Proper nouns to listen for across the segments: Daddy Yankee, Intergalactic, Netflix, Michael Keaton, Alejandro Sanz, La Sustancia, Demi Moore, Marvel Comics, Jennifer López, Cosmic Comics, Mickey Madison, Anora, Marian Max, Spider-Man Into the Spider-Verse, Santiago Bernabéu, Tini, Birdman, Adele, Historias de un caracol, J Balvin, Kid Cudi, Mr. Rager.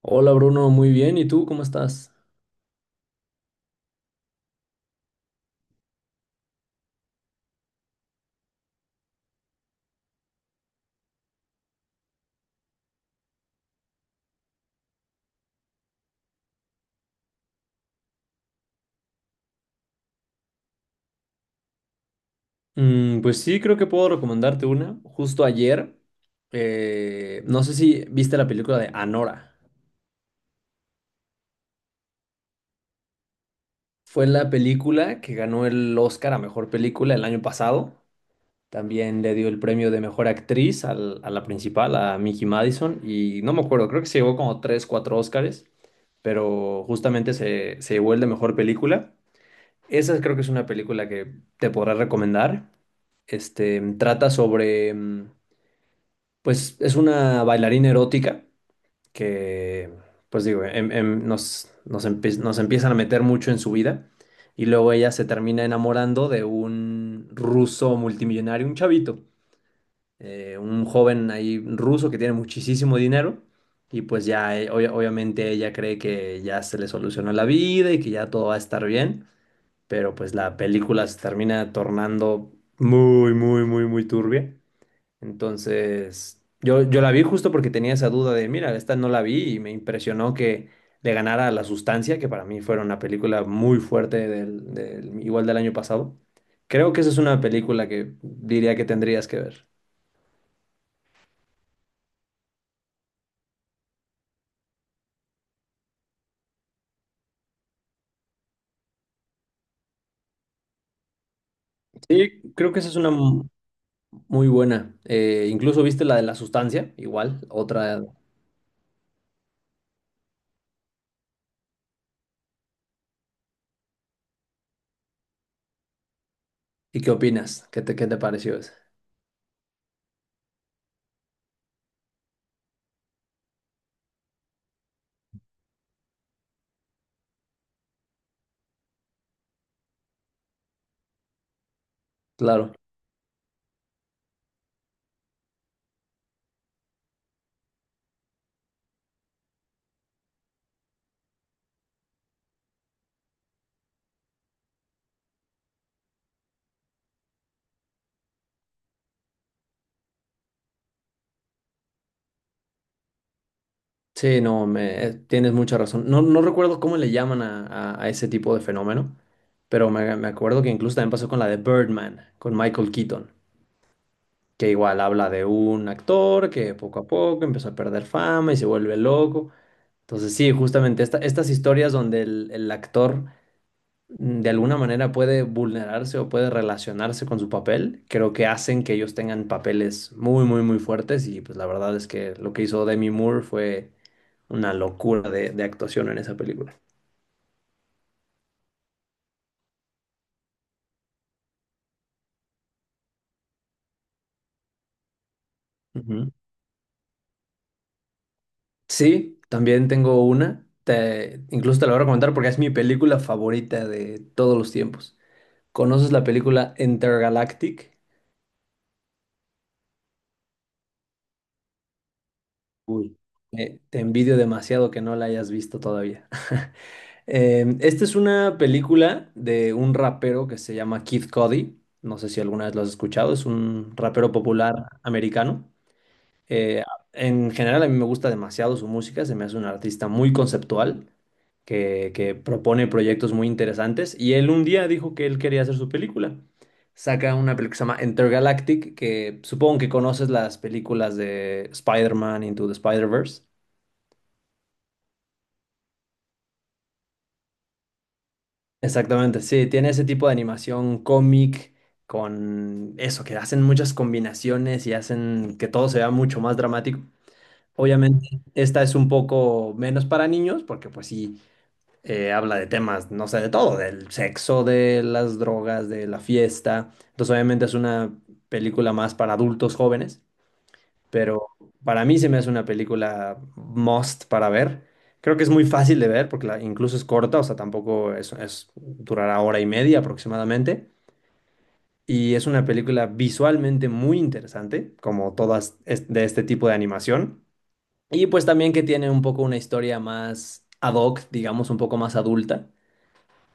Hola Bruno, muy bien. ¿Y tú cómo estás? Mm, pues sí, creo que puedo recomendarte una. Justo ayer, no sé si viste la película de Anora. Fue la película que ganó el Oscar a mejor película el año pasado. También le dio el premio de mejor actriz a la principal, a Mickey Madison. Y no me acuerdo, creo que se llevó como 3, 4 Oscars. Pero justamente se llevó el de mejor película. Esa creo que es una película que te podrá recomendar. Este, trata sobre pues es una bailarina erótica que, pues digo, nos empiezan a meter mucho en su vida y luego ella se termina enamorando de un ruso multimillonario, un chavito, un joven ahí ruso que tiene muchísimo dinero y pues ya obviamente ella cree que ya se le solucionó la vida y que ya todo va a estar bien, pero pues la película se termina tornando muy, muy, muy, muy turbia. Entonces, yo la vi justo porque tenía esa duda de, mira, esta no la vi y me impresionó que le ganara a La Sustancia, que para mí fue una película muy fuerte igual del año pasado. Creo que esa es una película que diría que tendrías que ver. Sí, creo que esa es una muy buena. Incluso viste la de La Sustancia, igual, otra. ¿Y qué opinas? Qué te pareció esa? Claro. Sí, no, me, tienes mucha razón. No, no recuerdo cómo le llaman a ese tipo de fenómeno, pero me acuerdo que incluso también pasó con la de Birdman, con Michael Keaton, que igual habla de un actor que poco a poco empezó a perder fama y se vuelve loco. Entonces sí, justamente estas historias donde el actor de alguna manera puede vulnerarse o puede relacionarse con su papel, creo que hacen que ellos tengan papeles muy, muy, muy fuertes y pues la verdad es que lo que hizo Demi Moore fue una locura de actuación en esa película. Ujú. Sí, también tengo una, incluso te la voy a recomendar porque es mi película favorita de todos los tiempos. ¿Conoces la película Intergalactic? Uy, te envidio demasiado que no la hayas visto todavía. Esta es una película de un rapero que se llama Kid Cudi. No sé si alguna vez lo has escuchado. Es un rapero popular americano. Eh, en general, a mí me gusta demasiado su música. Se me hace un artista muy conceptual que propone proyectos muy interesantes. Y él un día dijo que él quería hacer su película. Saca una película que se llama Intergalactic, que supongo que conoces las películas de Spider-Man Into the Spider-Verse. Exactamente, sí, tiene ese tipo de animación cómic con eso, que hacen muchas combinaciones y hacen que todo se vea mucho más dramático. Obviamente, esta es un poco menos para niños porque pues sí, habla de temas, no sé, de todo, del sexo, de las drogas, de la fiesta. Entonces, obviamente es una película más para adultos jóvenes pero para mí se me hace una película must para ver. Creo que es muy fácil de ver porque incluso es corta, o sea, tampoco durará hora y media aproximadamente. Y es una película visualmente muy interesante, como todas de este tipo de animación. Y pues también que tiene un poco una historia más ad hoc, digamos, un poco más adulta.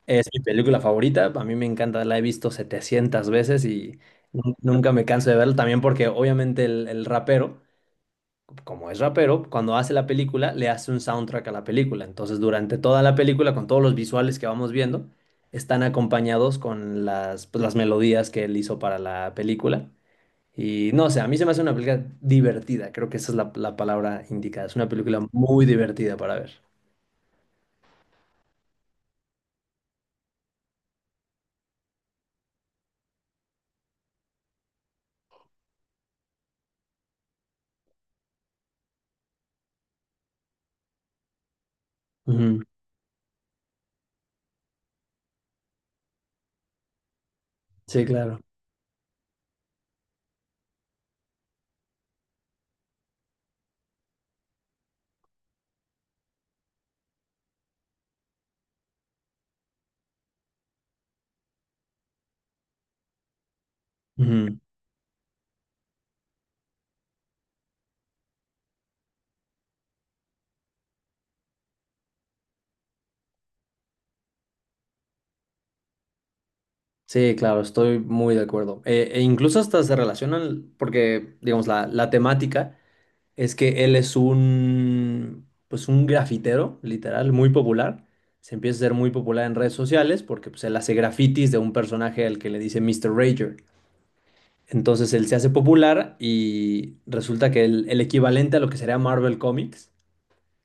Es mi película favorita, a mí me encanta, la he visto 700 veces y nunca me canso de verla, también porque obviamente el rapero como es rapero, cuando hace la película, le hace un soundtrack a la película. Entonces, durante toda la película, con todos los visuales que vamos viendo, están acompañados con las, pues, las melodías que él hizo para la película. Y no sé, a mí se me hace una película divertida, creo que esa es la palabra indicada. Es una película muy divertida para ver. Ujú. Sí, claro. Ujú. Sí, claro, estoy muy de acuerdo. E incluso hasta se relacionan, porque, digamos, la temática. Es que él es un, pues un grafitero, literal, muy popular. Se empieza a ser muy popular en redes sociales porque pues, él hace grafitis de un personaje al que le dice Mr. Rager. Entonces él se hace popular y resulta que el equivalente a lo que sería Marvel Comics,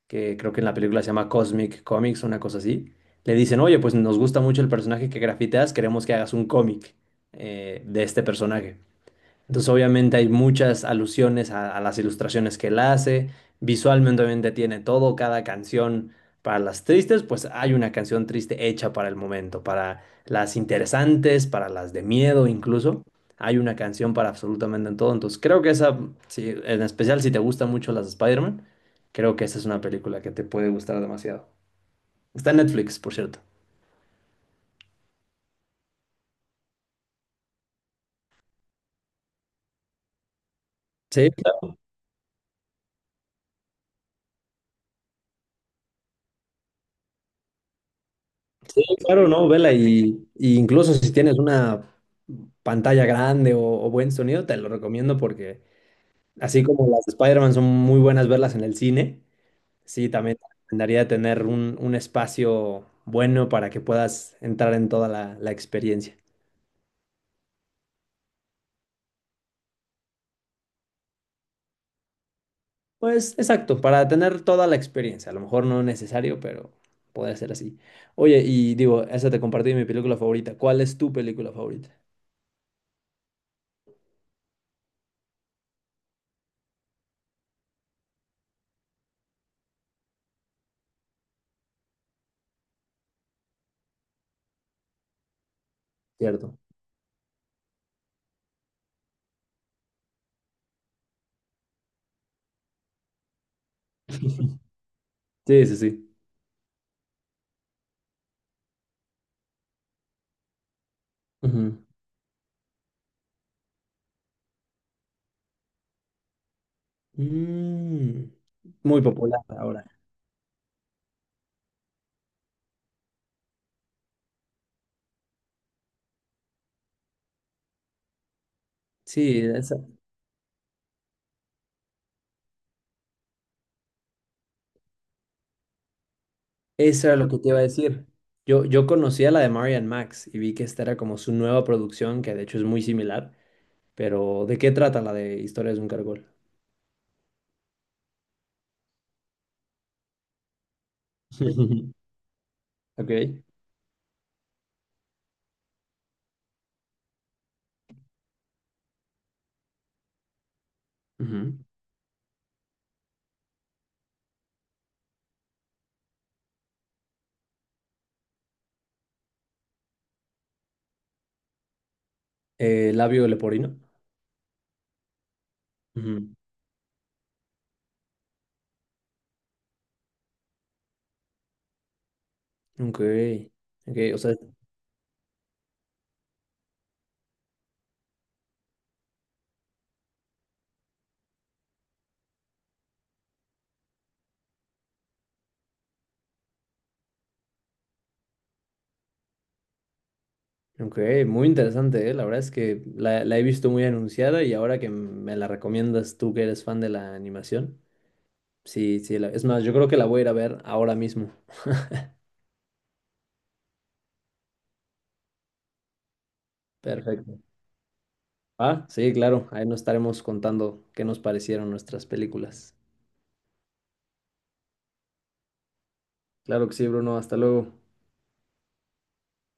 que creo que en la película se llama Cosmic Comics, una cosa así, le dicen, oye, pues nos gusta mucho el personaje que grafiteas, queremos que hagas un cómic de este personaje. Entonces, obviamente hay muchas alusiones a las ilustraciones que él hace. Visualmente, obviamente, tiene todo, cada canción para las tristes, pues hay una canción triste hecha para el momento, para las interesantes, para las de miedo incluso. Hay una canción para absolutamente en todo. Entonces, creo que esa, sí, en especial si te gustan mucho las de Spider-Man, creo que esa es una película que te puede gustar demasiado. Está en Netflix, por cierto. Sí. Sí, claro, no, vela, y incluso si tienes una pantalla grande o buen sonido, te lo recomiendo porque así como las de Spider-Man son muy buenas verlas en el cine, sí, también te recomendaría tener un espacio bueno para que puedas entrar en toda la experiencia. Pues exacto, para tener toda la experiencia, a lo mejor no es necesario, pero podría ser así. Oye, y digo, esa te compartí mi película favorita. ¿Cuál es tu película favorita? Cierto. Sí, sí, sí. Ujú. Mm, muy popular ahora. Sí, eso era lo que te iba a decir. Yo conocía la de Marian Max y vi que esta era como su nueva producción, que de hecho es muy similar, pero ¿de qué trata la de Historias de un caracol? Ok. Ujú. Labio leporino. Ujú. Ok. Ok, o sea, ok, muy interesante, ¿eh? La verdad es que la he visto muy anunciada y ahora que me la recomiendas tú que eres fan de la animación. Sí, sí, es más, yo creo que la voy a ir a ver ahora mismo. Perfecto. Ah, sí, claro, ahí nos estaremos contando qué nos parecieron nuestras películas. Claro que sí, Bruno, hasta luego.